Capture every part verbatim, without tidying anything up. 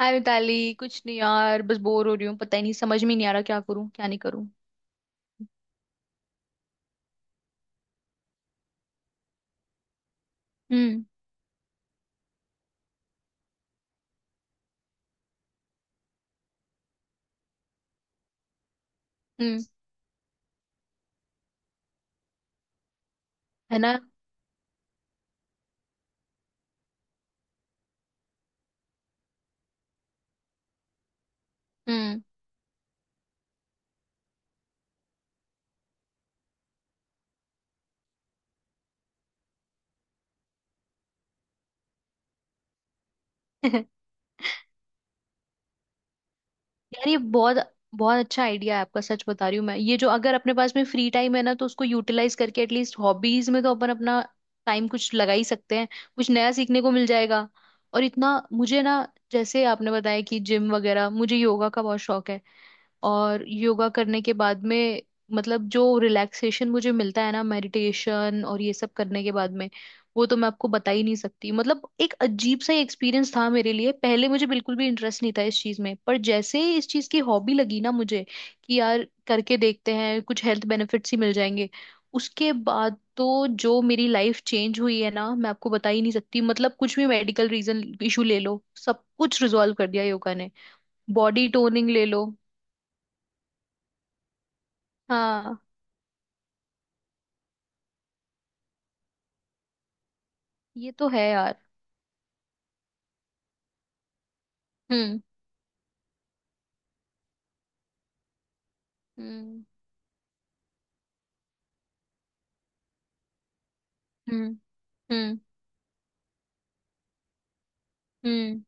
हाय मिताली। कुछ नहीं यार, बस बोर हो रही हूँ। पता ही नहीं, समझ में ही नहीं आ रहा क्या करूँ क्या नहीं करूँ। हम्म। हम्म। है ना। हम्म। यार ये बहुत बहुत अच्छा आइडिया है आपका। सच बता रही हूँ मैं, ये जो अगर अपने पास में फ्री टाइम है ना, तो उसको यूटिलाइज करके एटलीस्ट हॉबीज में तो अपन अपना टाइम कुछ लगा ही सकते हैं। कुछ नया सीखने को मिल जाएगा। और इतना मुझे ना, जैसे आपने बताया कि जिम वगैरह, मुझे योगा का बहुत शौक है। और योगा करने के बाद में, मतलब जो रिलैक्सेशन मुझे मिलता है ना, मेडिटेशन और ये सब करने के बाद में, वो तो मैं आपको बता ही नहीं सकती। मतलब एक अजीब सा एक्सपीरियंस था मेरे लिए। पहले मुझे बिल्कुल भी इंटरेस्ट नहीं था इस चीज में, पर जैसे ही इस चीज की हॉबी लगी ना मुझे, कि यार करके देखते हैं कुछ हेल्थ बेनिफिट्स ही मिल जाएंगे, उसके बाद तो जो मेरी लाइफ चेंज हुई है ना, मैं आपको बता ही नहीं सकती। मतलब कुछ भी मेडिकल रीजन इशू ले लो, सब कुछ रिजॉल्व कर दिया योगा ने। बॉडी टोनिंग ले लो। हाँ, ये तो है यार। हम्म। हम्म। हम्म। हम्म। हम्म।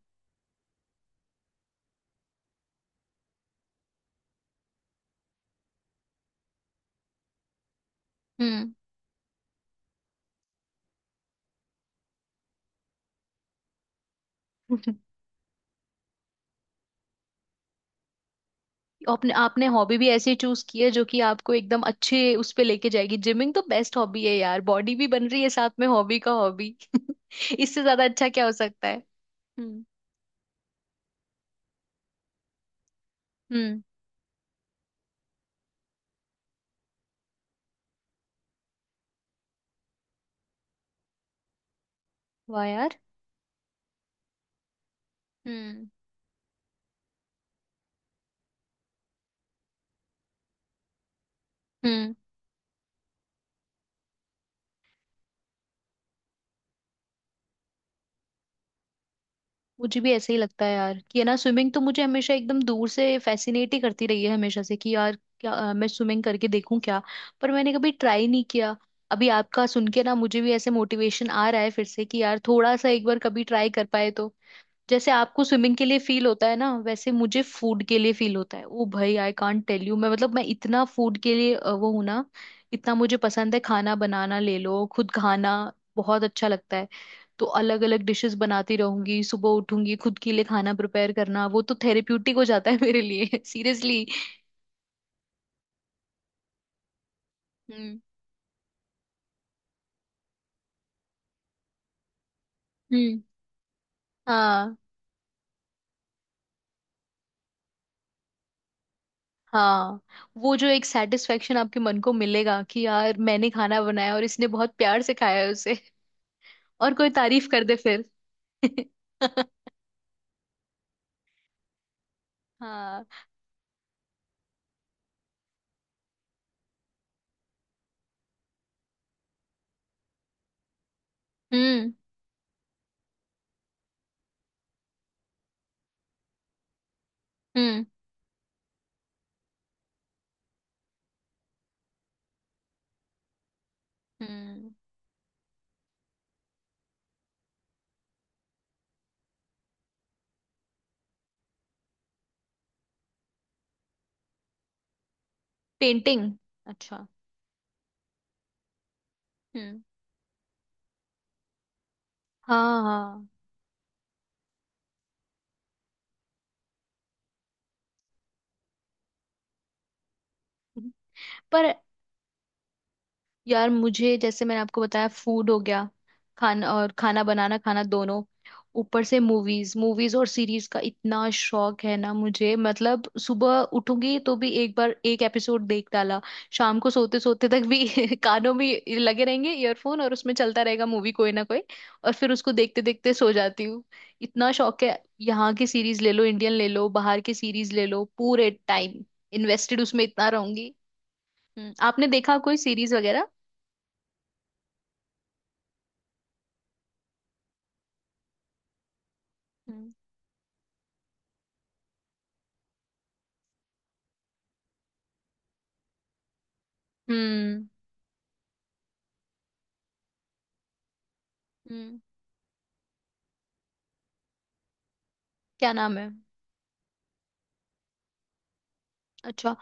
हम्म। आपने आपने हॉबी भी ऐसे चूज की है जो कि आपको एकदम अच्छे उस पे लेके जाएगी। जिमिंग तो बेस्ट हॉबी है यार, बॉडी भी बन रही है साथ में, हॉबी का हॉबी। इससे ज्यादा अच्छा क्या हो सकता है। हम्म। हम्म। वाह यार। हम्म। हम्म। मुझे भी ऐसे ही लगता है यार, कि है ना, स्विमिंग तो मुझे हमेशा एकदम दूर से फैसिनेट ही करती रही है हमेशा से, कि यार क्या अ, मैं स्विमिंग करके देखूं क्या। पर मैंने कभी ट्राई नहीं किया। अभी आपका सुन के ना, मुझे भी ऐसे मोटिवेशन आ रहा है फिर से, कि यार थोड़ा सा एक बार कभी ट्राई कर पाए तो। जैसे आपको स्विमिंग के लिए फील होता है ना, वैसे मुझे फूड के लिए फील होता है। ओ भाई, आई कांट टेल यू। मैं मतलब मैं इतना फूड के लिए अ, वो हूं ना। इतना मुझे पसंद है, खाना बनाना ले लो, खुद खाना, बहुत अच्छा लगता है। तो अलग अलग डिशेस बनाती रहूंगी, सुबह उठूंगी खुद के लिए खाना प्रिपेयर करना, वो तो थेरेप्यूटिक हो जाता है मेरे लिए। सीरियसली। हम्म। हम्म। हाँ। हाँ। वो जो एक सेटिस्फेक्शन आपके मन को मिलेगा, कि यार मैंने खाना बनाया और इसने बहुत प्यार से खाया है उसे। और कोई तारीफ कर दे फिर। हाँ। हम्म। हम्म। हम्म। पेंटिंग। अच्छा। हम्म। हाँ, हाँ। हम्म, पर यार मुझे, जैसे मैंने आपको बताया, फूड हो गया, खाना, और खाना बनाना, खाना, दोनों। ऊपर से मूवीज, मूवीज और सीरीज का इतना शौक है ना मुझे, मतलब सुबह उठूंगी तो भी एक बार एक एपिसोड देख डाला, शाम को सोते सोते तक भी कानों में लगे रहेंगे ईयरफोन, और उसमें चलता रहेगा मूवी कोई ना कोई। और फिर उसको देखते देखते सो जाती हूँ। इतना शौक है, यहाँ की सीरीज ले लो, इंडियन ले लो, बाहर की सीरीज ले लो, पूरे टाइम इन्वेस्टेड उसमें इतना रहूंगी। हम्म, आपने देखा कोई सीरीज वगैरह? हम्म। हम्म। क्या नाम है? अच्छा।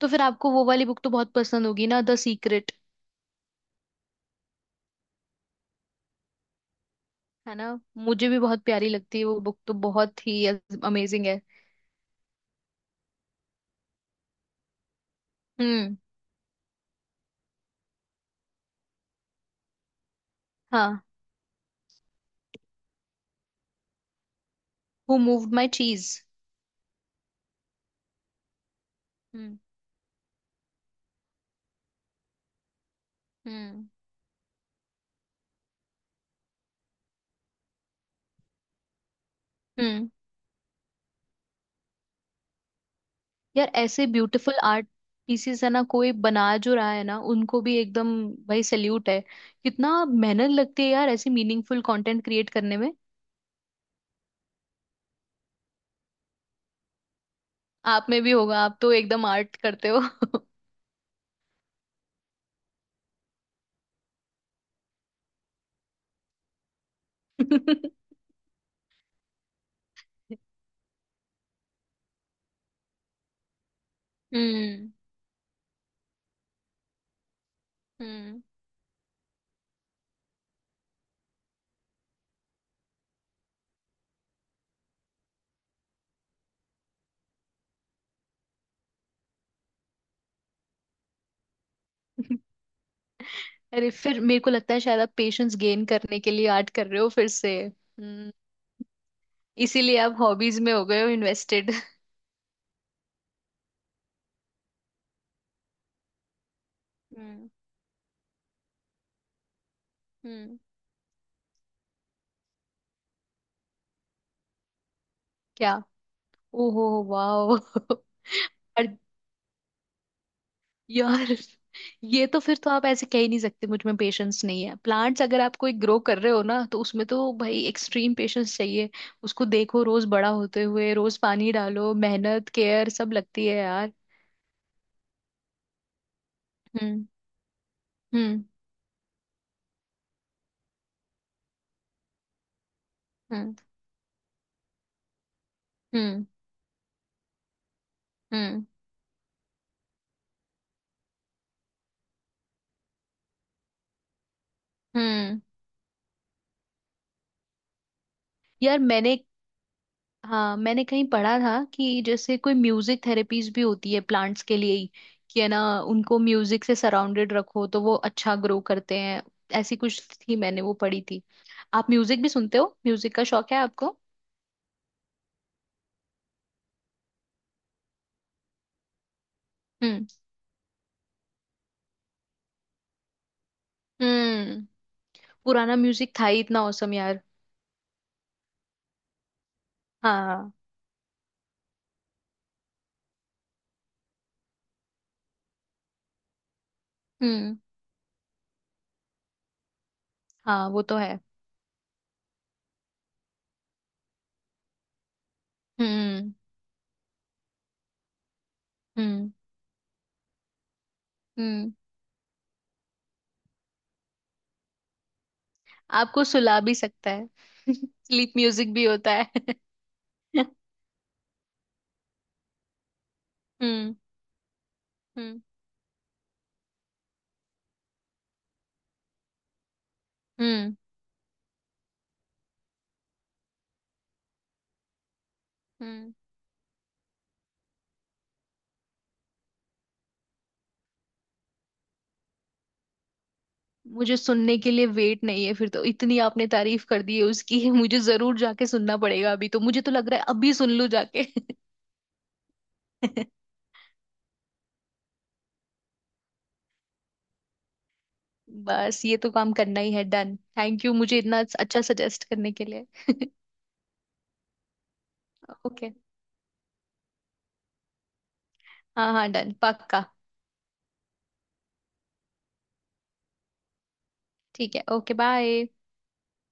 तो फिर आपको वो वाली बुक तो बहुत पसंद होगी ना, द सीक्रेट। है ना, मुझे भी बहुत प्यारी लगती है वो बुक, तो बहुत ही अमेजिंग है। हम्म। हाँ। Who moved my cheese. हम्म। हम्म। हम्म। यार ऐसे ब्यूटीफुल आर्ट पीसेस है ना, कोई बना जो रहा है ना, उनको भी एकदम, भाई सल्यूट है। कितना मेहनत लगती है यार ऐसे मीनिंगफुल कंटेंट क्रिएट करने में। आप में भी होगा, आप तो एकदम आर्ट करते हो। हम्म। हम्म। अरे, फिर मेरे को लगता है शायद आप पेशेंस गेन करने के लिए आर्ट कर रहे हो फिर से। हम्म। इसीलिए आप हॉबीज में हो गए हो इन्वेस्टेड। हम्म। हम्म। क्या? ओहो, वाओ। और यार, ये तो फिर तो आप ऐसे कह ही नहीं सकते मुझ में पेशेंस नहीं है। प्लांट्स अगर आप कोई ग्रो कर रहे हो ना, तो उसमें तो भाई एक्सट्रीम पेशेंस चाहिए। उसको देखो रोज बड़ा होते हुए, रोज पानी डालो, मेहनत, केयर सब लगती है यार। हम्म। हम्म। हम्म। हम्म। हम्म। हम्म। यार मैंने, हाँ, मैंने कहीं पढ़ा था कि जैसे कोई म्यूजिक थेरेपीज भी होती है प्लांट्स के लिए ही, कि है ना, उनको म्यूजिक से सराउंडेड रखो तो वो अच्छा ग्रो करते हैं। ऐसी कुछ थी, मैंने वो पढ़ी थी। आप म्यूजिक भी सुनते हो? म्यूजिक का शौक है आपको? हम्म। हम्म। पुराना म्यूजिक था ही इतना औसम यार। हाँ। हम्म। हाँ, वो तो है। हम्म। हम्म। हम्म। आपको सुला भी सकता है। स्लीप म्यूजिक भी होता है। हम्म। हम्म। हम्म। हम्म। मुझे सुनने के लिए वेट नहीं है फिर तो, इतनी आपने तारीफ कर दी है उसकी। मुझे जरूर जाके सुनना पड़ेगा। अभी तो मुझे तो लग रहा है अभी सुन लूं जाके। बस ये तो काम करना ही है। डन। थैंक यू मुझे इतना अच्छा सजेस्ट करने के लिए। ओके। हाँ हाँ, डन, पक्का। ठीक है। ओके। बाय।